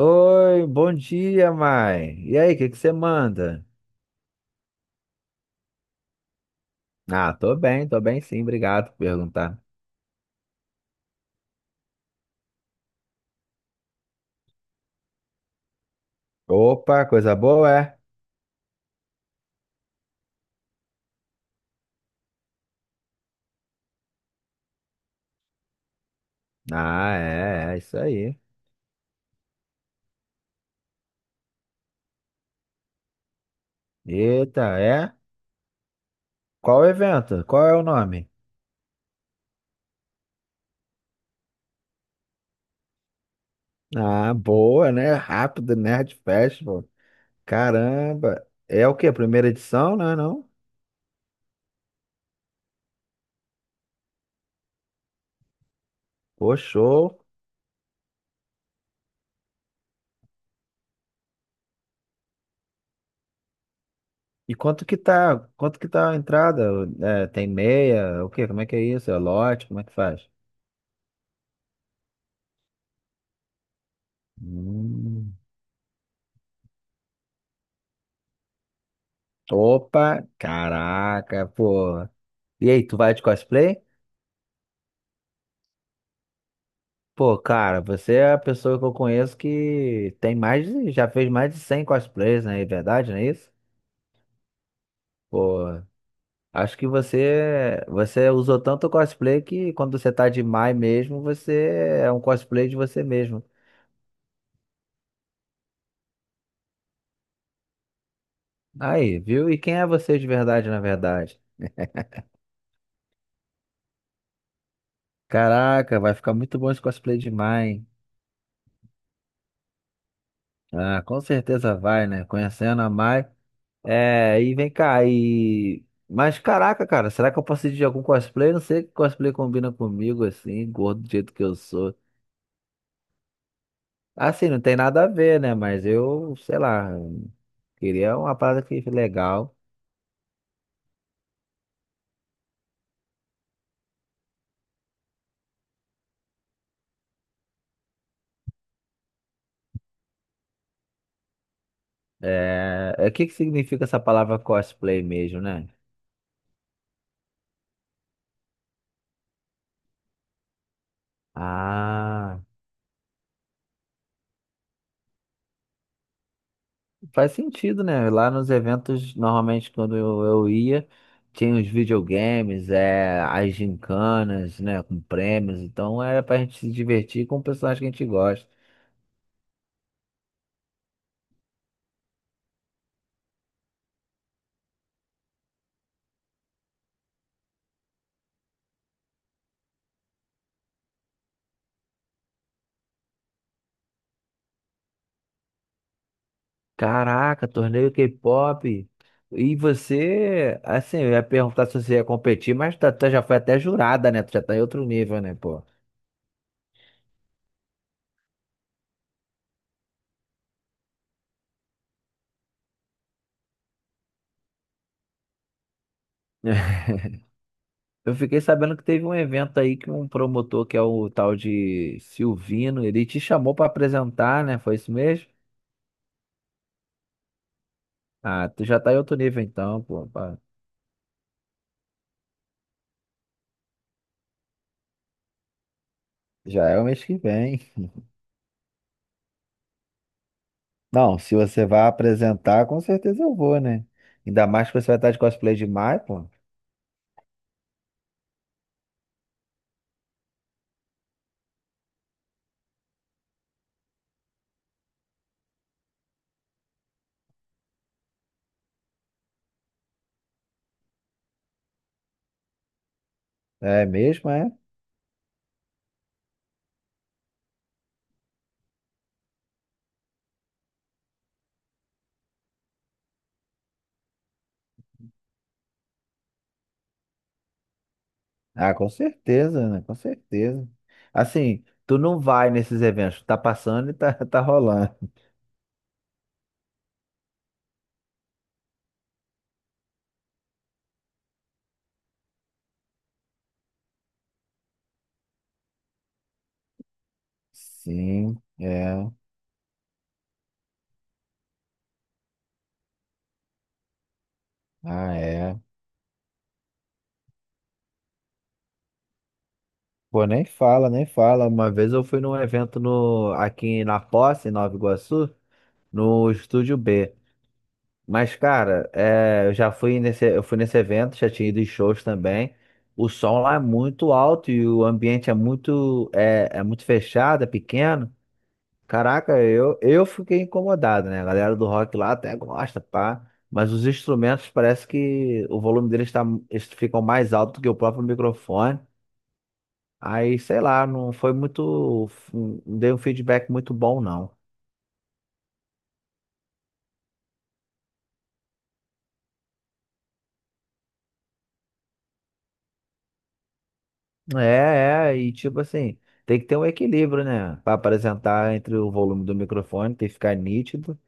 Oi, bom dia, mãe. E aí, o que que você manda? Ah, tô bem sim, obrigado por perguntar. Opa, coisa boa, é? Ah, é, é isso aí. Eita, é? Qual o evento? Qual é o nome? Ah, boa, né? Rápido Nerd Festival. Caramba. É o quê? Primeira edição, né? Não? Pô, show. E quanto que tá? Quanto que tá a entrada? É, tem meia? O quê? Como é que é isso? É lote? Como é que faz? Hum. Opa, caraca, pô. E aí, tu vai de cosplay? Pô, cara, você é a pessoa que eu conheço que tem mais de, já fez mais de 100 cosplays, né? É verdade, não é isso? Pô, acho que você usou tanto cosplay que quando você tá de Mai mesmo, você é um cosplay de você mesmo. Aí, viu? E quem é você de verdade, na verdade? Caraca, vai ficar muito bom esse cosplay de Mai, hein? Ah, com certeza vai, né? Conhecendo a Mai. É, e vem cá, e. Mas caraca, cara, será que eu posso ir de algum cosplay? Não sei que cosplay combina comigo, assim, gordo do jeito que eu sou. Assim, não tem nada a ver, né? Mas eu, sei lá, queria uma parada que legal. É, é, o que que significa essa palavra cosplay mesmo, né? Ah. Faz sentido, né? Lá nos eventos, normalmente quando eu ia, tinha os videogames, é, as gincanas, né? Com prêmios. Então era pra gente se divertir com o personagem que a gente gosta. Caraca, torneio K-pop. E você, assim, eu ia perguntar se você ia competir, mas tu, tu já foi até jurada, né? Tu já tá em outro nível, né, pô? Eu fiquei sabendo que teve um evento aí que um promotor, que é o tal de Silvino, ele te chamou pra apresentar, né? Foi isso mesmo? Ah, tu já tá em outro nível então, pô, pá. Já é o mês que vem. Não, se você vai apresentar, com certeza eu vou, né? Ainda mais que você vai estar de cosplay de Mai, pô. É mesmo, é? Ah, com certeza, né? Com certeza. Assim, tu não vai nesses eventos, tá passando e tá, tá rolando. Sim, é. Ah, é. Pô, nem fala, nem fala. Uma vez eu fui num evento no, aqui na Posse, em Nova Iguaçu, no Estúdio B. Mas, cara, é, eu já fui nesse, eu fui nesse evento, já tinha ido em shows também. O som lá é muito alto e o ambiente é muito, é, é muito fechado, é pequeno. Caraca, eu fiquei incomodado, né? A galera do rock lá até gosta, pá. Mas os instrumentos parece que o volume deles tá, eles ficam mais alto que o próprio microfone. Aí, sei lá, não foi muito. Não dei um feedback muito bom, não. É, é, e tipo assim, tem que ter um equilíbrio, né? Para apresentar entre o volume do microfone, tem que ficar nítido,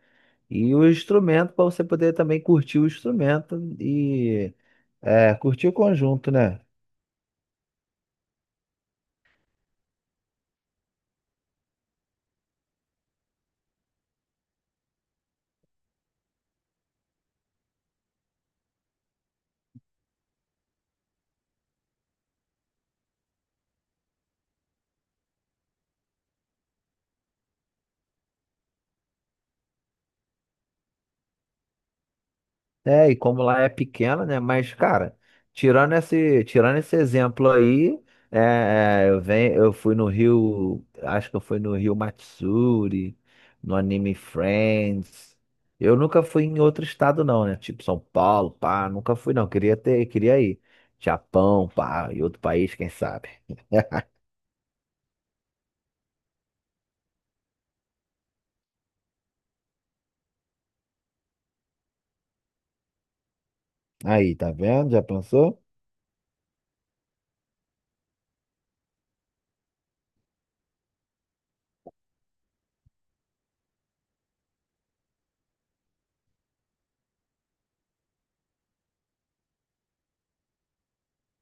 e o instrumento, para você poder também curtir o instrumento e é, curtir o conjunto, né? É, e como lá é pequena, né? Mas, cara, tirando esse exemplo aí, é, é, eu, venho, eu fui no Rio, acho que eu fui no Rio Matsuri, no Anime Friends. Eu nunca fui em outro estado, não, né? Tipo São Paulo, pá, nunca fui, não. Queria ter, queria ir. Japão, pá, e outro país, quem sabe? Aí, tá vendo? Já pensou?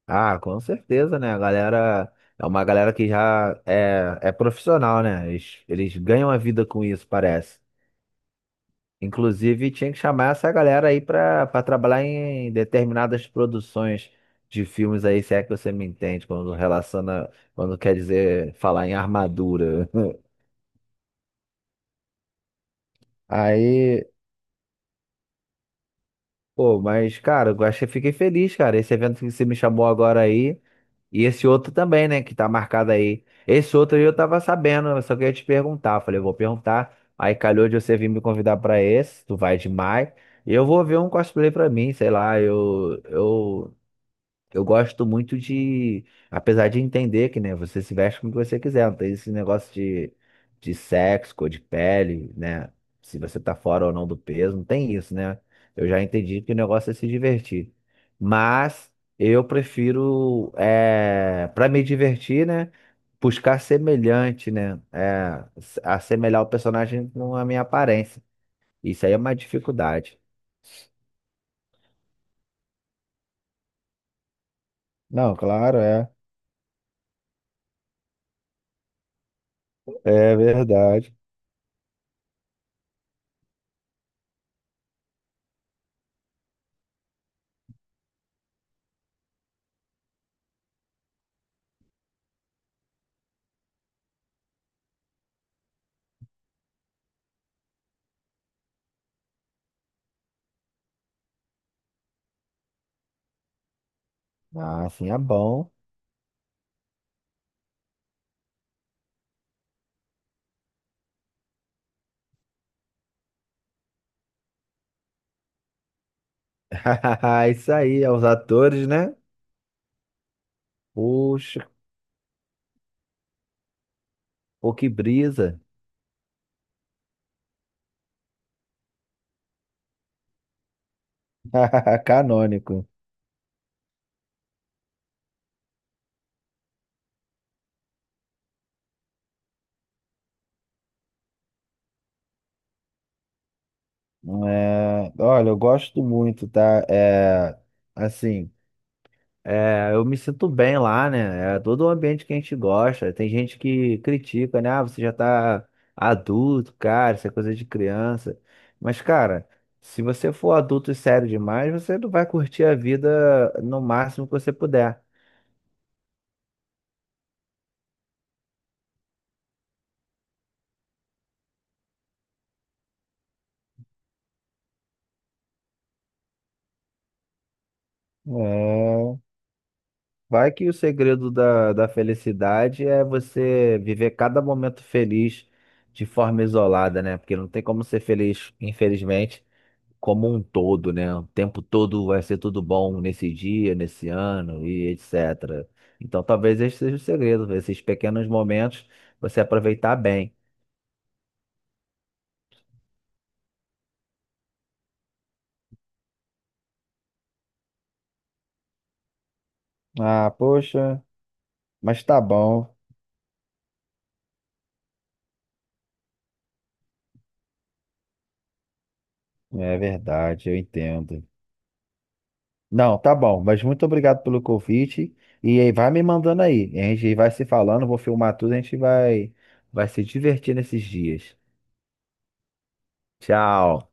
Ah, com certeza, né? A galera é uma galera que já é, é profissional, né? Eles ganham a vida com isso, parece. Inclusive, tinha que chamar essa galera aí pra, para trabalhar em determinadas produções de filmes aí, se é que você me entende, quando relaciona, quando quer dizer falar em armadura. Aí, pô, mas, cara, eu achei, fiquei feliz, cara. Esse evento que você me chamou agora aí. E esse outro também, né, que tá marcado aí. Esse outro aí eu tava sabendo, eu só queria te perguntar. Falei, eu vou perguntar. Aí calhou de você vir me convidar pra esse, tu vai demais. E eu vou ver um cosplay pra mim, sei lá, eu gosto muito de, apesar de entender que, né, você se veste como você quiser, não tem esse negócio de sexo, cor de pele, né? Se você tá fora ou não do peso, não tem isso, né? Eu já entendi que o negócio é se divertir. Mas eu prefiro, é, para me divertir, né? Buscar semelhante, né? É, s- assemelhar o personagem com a minha aparência. Isso aí é uma dificuldade. Não, claro, é. É verdade. Ah, sim, é bom. Isso aí, aos atores, né? Poxa, pô, que brisa. Canônico. É, olha, eu gosto muito, tá? É, assim, é, eu me sinto bem lá, né? É todo o ambiente que a gente gosta. Tem gente que critica, né? Ah, você já tá adulto, cara, isso é coisa de criança. Mas, cara, se você for adulto e sério demais, você não vai curtir a vida no máximo que você puder. É, vai que o segredo da, da felicidade é você viver cada momento feliz de forma isolada, né? Porque não tem como ser feliz, infelizmente, como um todo, né? O tempo todo vai ser tudo bom nesse dia, nesse ano e etc. Então talvez esse seja o segredo, esses pequenos momentos você aproveitar bem. Ah, poxa, mas tá bom. É verdade, eu entendo. Não, tá bom, mas muito obrigado pelo convite. E aí, vai me mandando aí. A gente vai se falando, vou filmar tudo, a gente vai, vai se divertir nesses dias. Tchau.